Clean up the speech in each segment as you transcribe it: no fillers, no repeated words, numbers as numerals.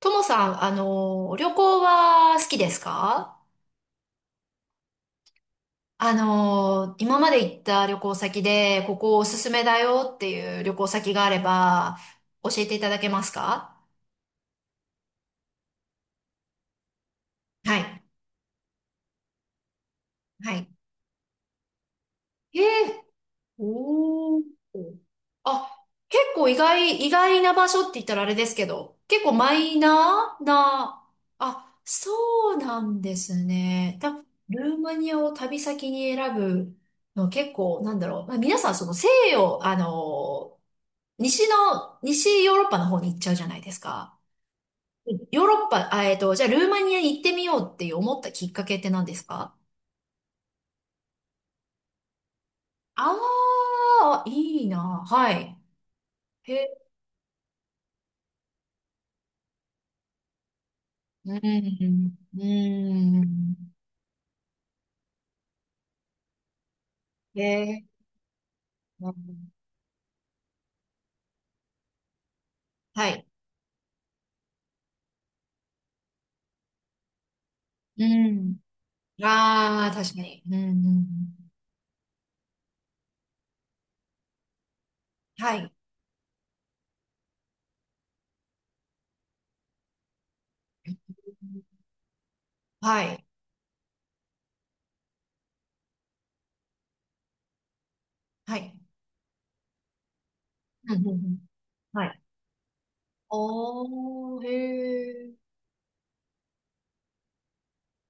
ともさん、旅行は好きですか？今まで行った旅行先で、ここおすすめだよっていう旅行先があれば、教えていただけますか？はい。はい。えー、おー。あ、結構意外な場所って言ったらあれですけど、結構マイナーな、あ、そうなんですね。ルーマニアを旅先に選ぶの結構、なんだろう。まあ、皆さんその西洋、あの西の、西ヨーロッパの方に行っちゃうじゃないですか。うん。ヨーロッパ、あ、えっと、じゃあルーマニアに行ってみようって思ったきっかけって何ですか？ああー、いいな。はい。へ、うん、うん。へえ、うん。はい。うん。ああ、確かに。うん、うん。うん。はい。はい。はい。うん、うん、うん。はい。おー、へー。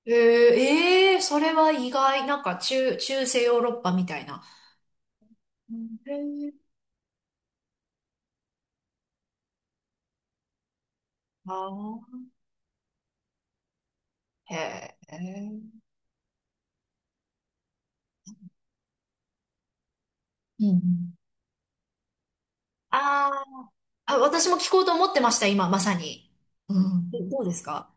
へええー、それは意外。なんか中世ヨーロッパみたいな。へえ。ああ。へえ。うん、うん。あー、あ、私も聞こうと思ってました、今、まさに。うん。どうですか？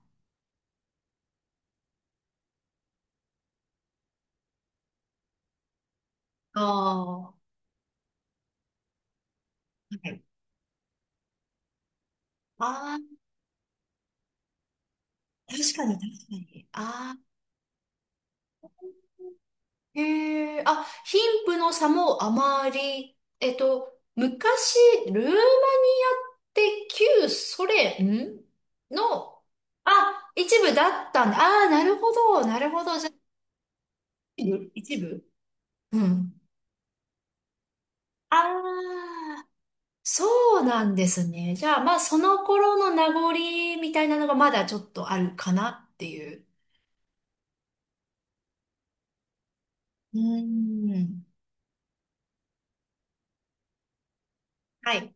ああ、はい。ああ、確かに、確かに。ああ、へえ、あ、貧富の差もあまり、昔、ルーマニアって旧ソ連んの、あ、一部だったんで、ああ、なるほど、なるほど、じゃあ、一部一部、うん。ああ、そうなんですね。じゃあ、まあ、その頃の名残みたいなのがまだちょっとあるかなっていう。うーん。はい。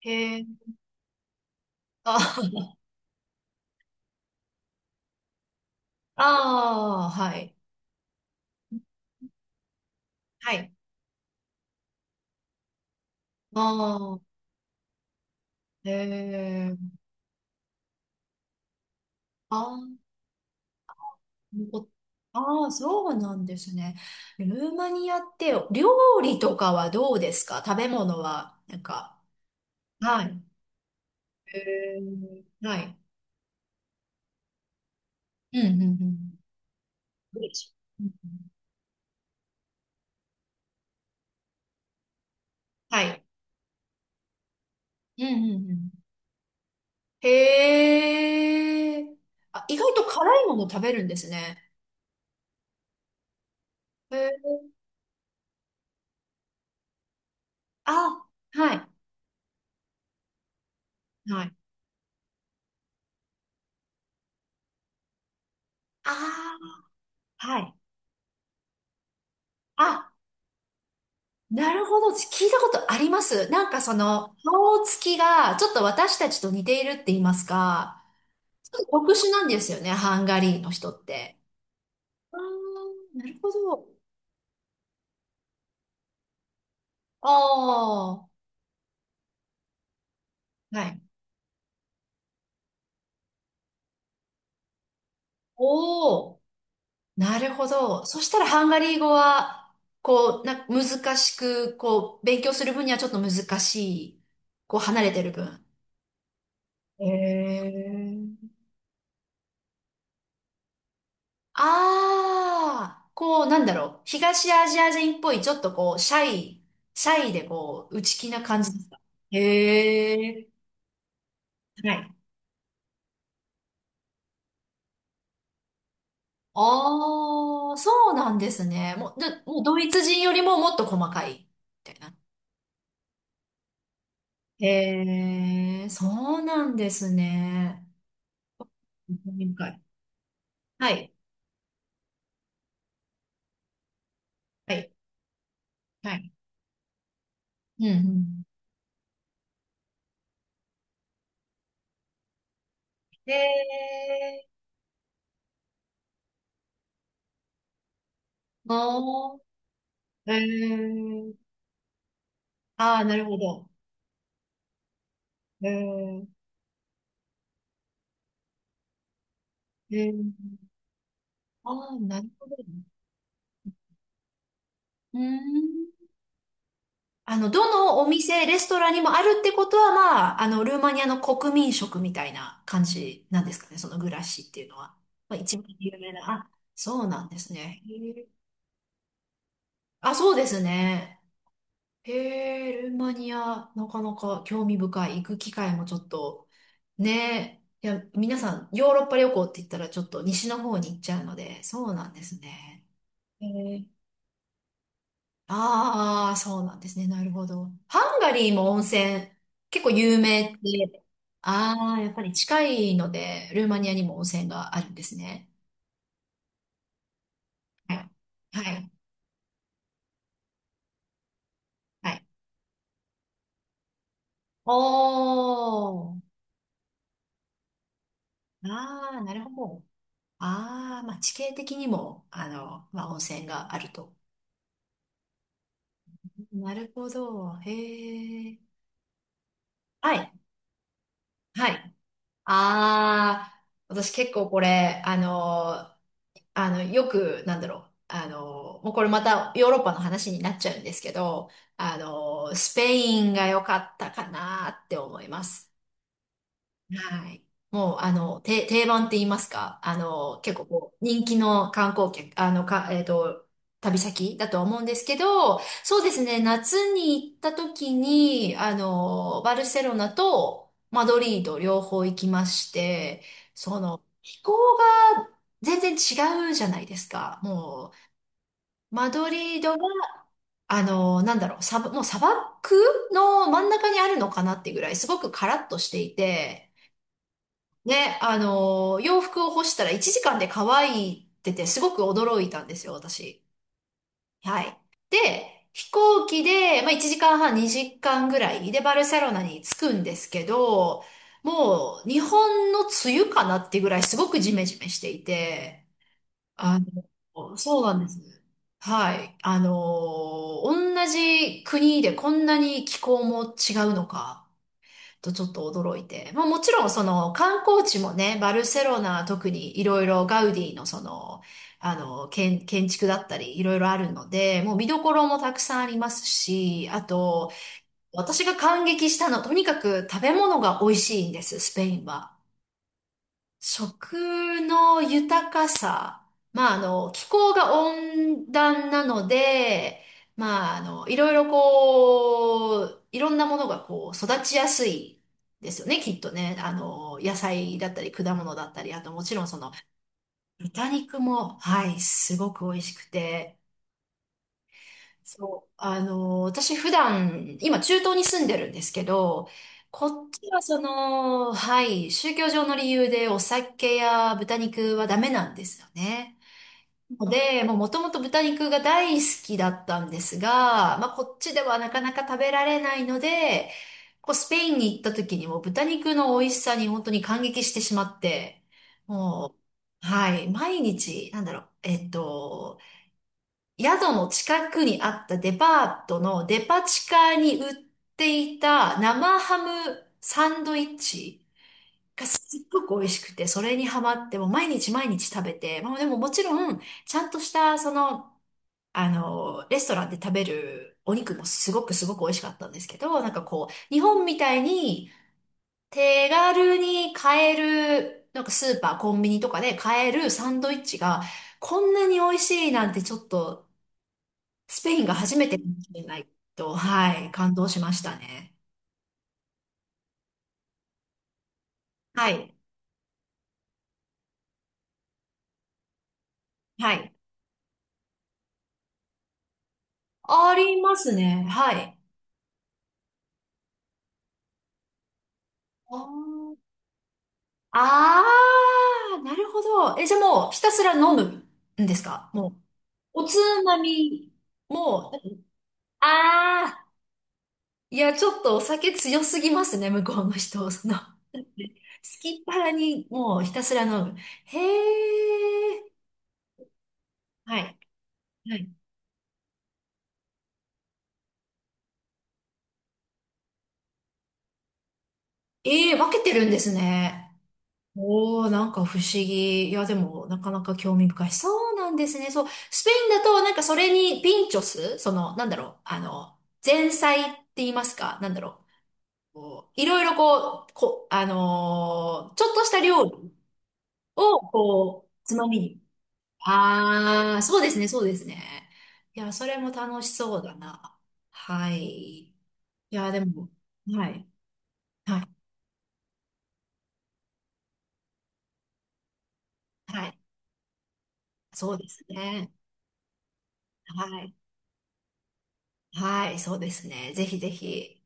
へえ。あ、ああ、はい。はい。ああ、へえ。あー、お、あー、そうなんですね。ルーマニアって、料理とかはどうですか？食べ物は、なんか。はい。へえ。はい。うん、うん、うん。どうでしょう？うん、うん。はい。うん、うん、うん。へえ。あ、意外と辛いもの食べるんですね。へえ。あ、はい。はい。ああ、はい。あ、なるほど。聞いたことあります。なんかその、顔つきが、ちょっと私たちと似ているって言いますか、ちょっと特殊なんですよね、ハンガリーの人って。ああ、なるほど。ああ、はい。おお。なるほど。そしたらハンガリー語は、こう、難しく、こう、勉強する分にはちょっと難しい。こう、離れてる分。へえ。ああ、こう、なんだろう。東アジア人っぽい、ちょっとこう、シャイでこう、内気な感じですか？へえ。はい。ああ、そうなんですね。もう、でもうドイツ人よりももっと細かい、みたいな。へえ、そうなんですね。委かい、はい。はい。はい。うん、うん。えー、あー、えー、あー、なるほど。えー、えー、あー、なるほど。うーん。あの、どのお店、レストランにもあるってことは、まあ、あの、ルーマニアの国民食みたいな感じなんですかね、そのグラッシーっていうのは。まあ、一番有名な。あ、そうなんですね。へー。あ、そうですね。へえ、ルーマニア、なかなか興味深い。行く機会もちょっと、ねえ。いや、皆さん、ヨーロッパ旅行って言ったらちょっと西の方に行っちゃうので、そうなんですね。へえ。ああ、そうなんですね。なるほど。ハンガリーも温泉、結構有名って、ああ、やっぱり近いので、ルーマニアにも温泉があるんですね。はい。はい。はい。おー。ああ、なるほど。ああ、まあ、地形的にも、あの、まあ、温泉があると。なるほど。へえ。はい。はい。ああ、私結構これ、あの、あの、よく、なんだろう。あの、もうこれまたヨーロッパの話になっちゃうんですけど、あの、スペインが良かったかなって思います。はい。もう、あの、定番って言いますか、あの、結構こう、人気の観光客、あの、か、えっと、旅先だとは思うんですけど、そうですね、夏に行った時に、あの、バルセロナとマドリード両方行きまして、その、気候が全然違うじゃないですか。もう、マドリードはあの、なんだろう、もう砂漠の真ん中にあるのかなってぐらい、すごくカラッとしていて、ね、あの、洋服を干したら1時間で乾いてて、すごく驚いたんですよ、私。はい。で、飛行機で、まあ、1時間半、2時間ぐらいでバルセロナに着くんですけど、もう日本の梅雨かなってぐらいすごくジメジメしていて、あの、そうなんです。はい。あの、同じ国でこんなに気候も違うのか、とちょっと驚いて。まあもちろんその観光地もね、バルセロナは特にいろいろガウディのその、あの、建築だったりいろいろあるので、もう見どころもたくさんありますし、あと、私が感激したのはとにかく食べ物が美味しいんです、スペインは。食の豊かさ。まあ、あの、気候が温暖なので、まあ、あの、いろいろこう、いろんなものがこう、育ちやすいですよね、きっとね。あの、野菜だったり、果物だったり、あともちろんその、豚肉も、はい、すごく美味しくて、そう、あの、私普段、今中東に住んでるんですけど、こっちはその、はい、宗教上の理由でお酒や豚肉はダメなんですよね。ので、もうもともと豚肉が大好きだったんですが、まあこっちではなかなか食べられないので、こうスペインに行った時にも豚肉の美味しさに本当に感激してしまって、はい、毎日、なんだろう、宿の近くにあったデパートのデパ地下に売っていた生ハムサンドイッチがすっごく美味しくて、それにハマって、もう毎日毎日食べて、まあでももちろん、ちゃんとした、その、あの、レストランで食べるお肉もすごくすごく美味しかったんですけど、なんかこう、日本みたいに手軽に買える、なんかスーパー、コンビニとかで買えるサンドイッチが、こんなに美味しいなんてちょっとスペインが初めてかもしれないと、はい、感動しましたね。はい、はい。ありますね。はい。ああー、なるほど。え、じゃあもうひたすら飲むんですか、もう。おつまみも、ああ、いや、ちょっとお酒強すぎますね、向こうの人。その、好きっ腹にもうひたすら飲む。へえ、はい、はい。ええ、分けてるんですね。おー、なんか不思議。いや、でも、なかなか興味深い。そうなんですね。そう。スペインだと、なんかそれにピンチョス、その、なんだろう、あの、前菜って言いますか、なんだろう。こういろいろこう、こ、あのーちょっとした料理を、こう、つまみに。あー、そうですね、そうですね。いや、それも楽しそうだな。はい。いや、でも、はい。はい。はい。そうですね。はい。はい、そうですね。ぜひぜひ。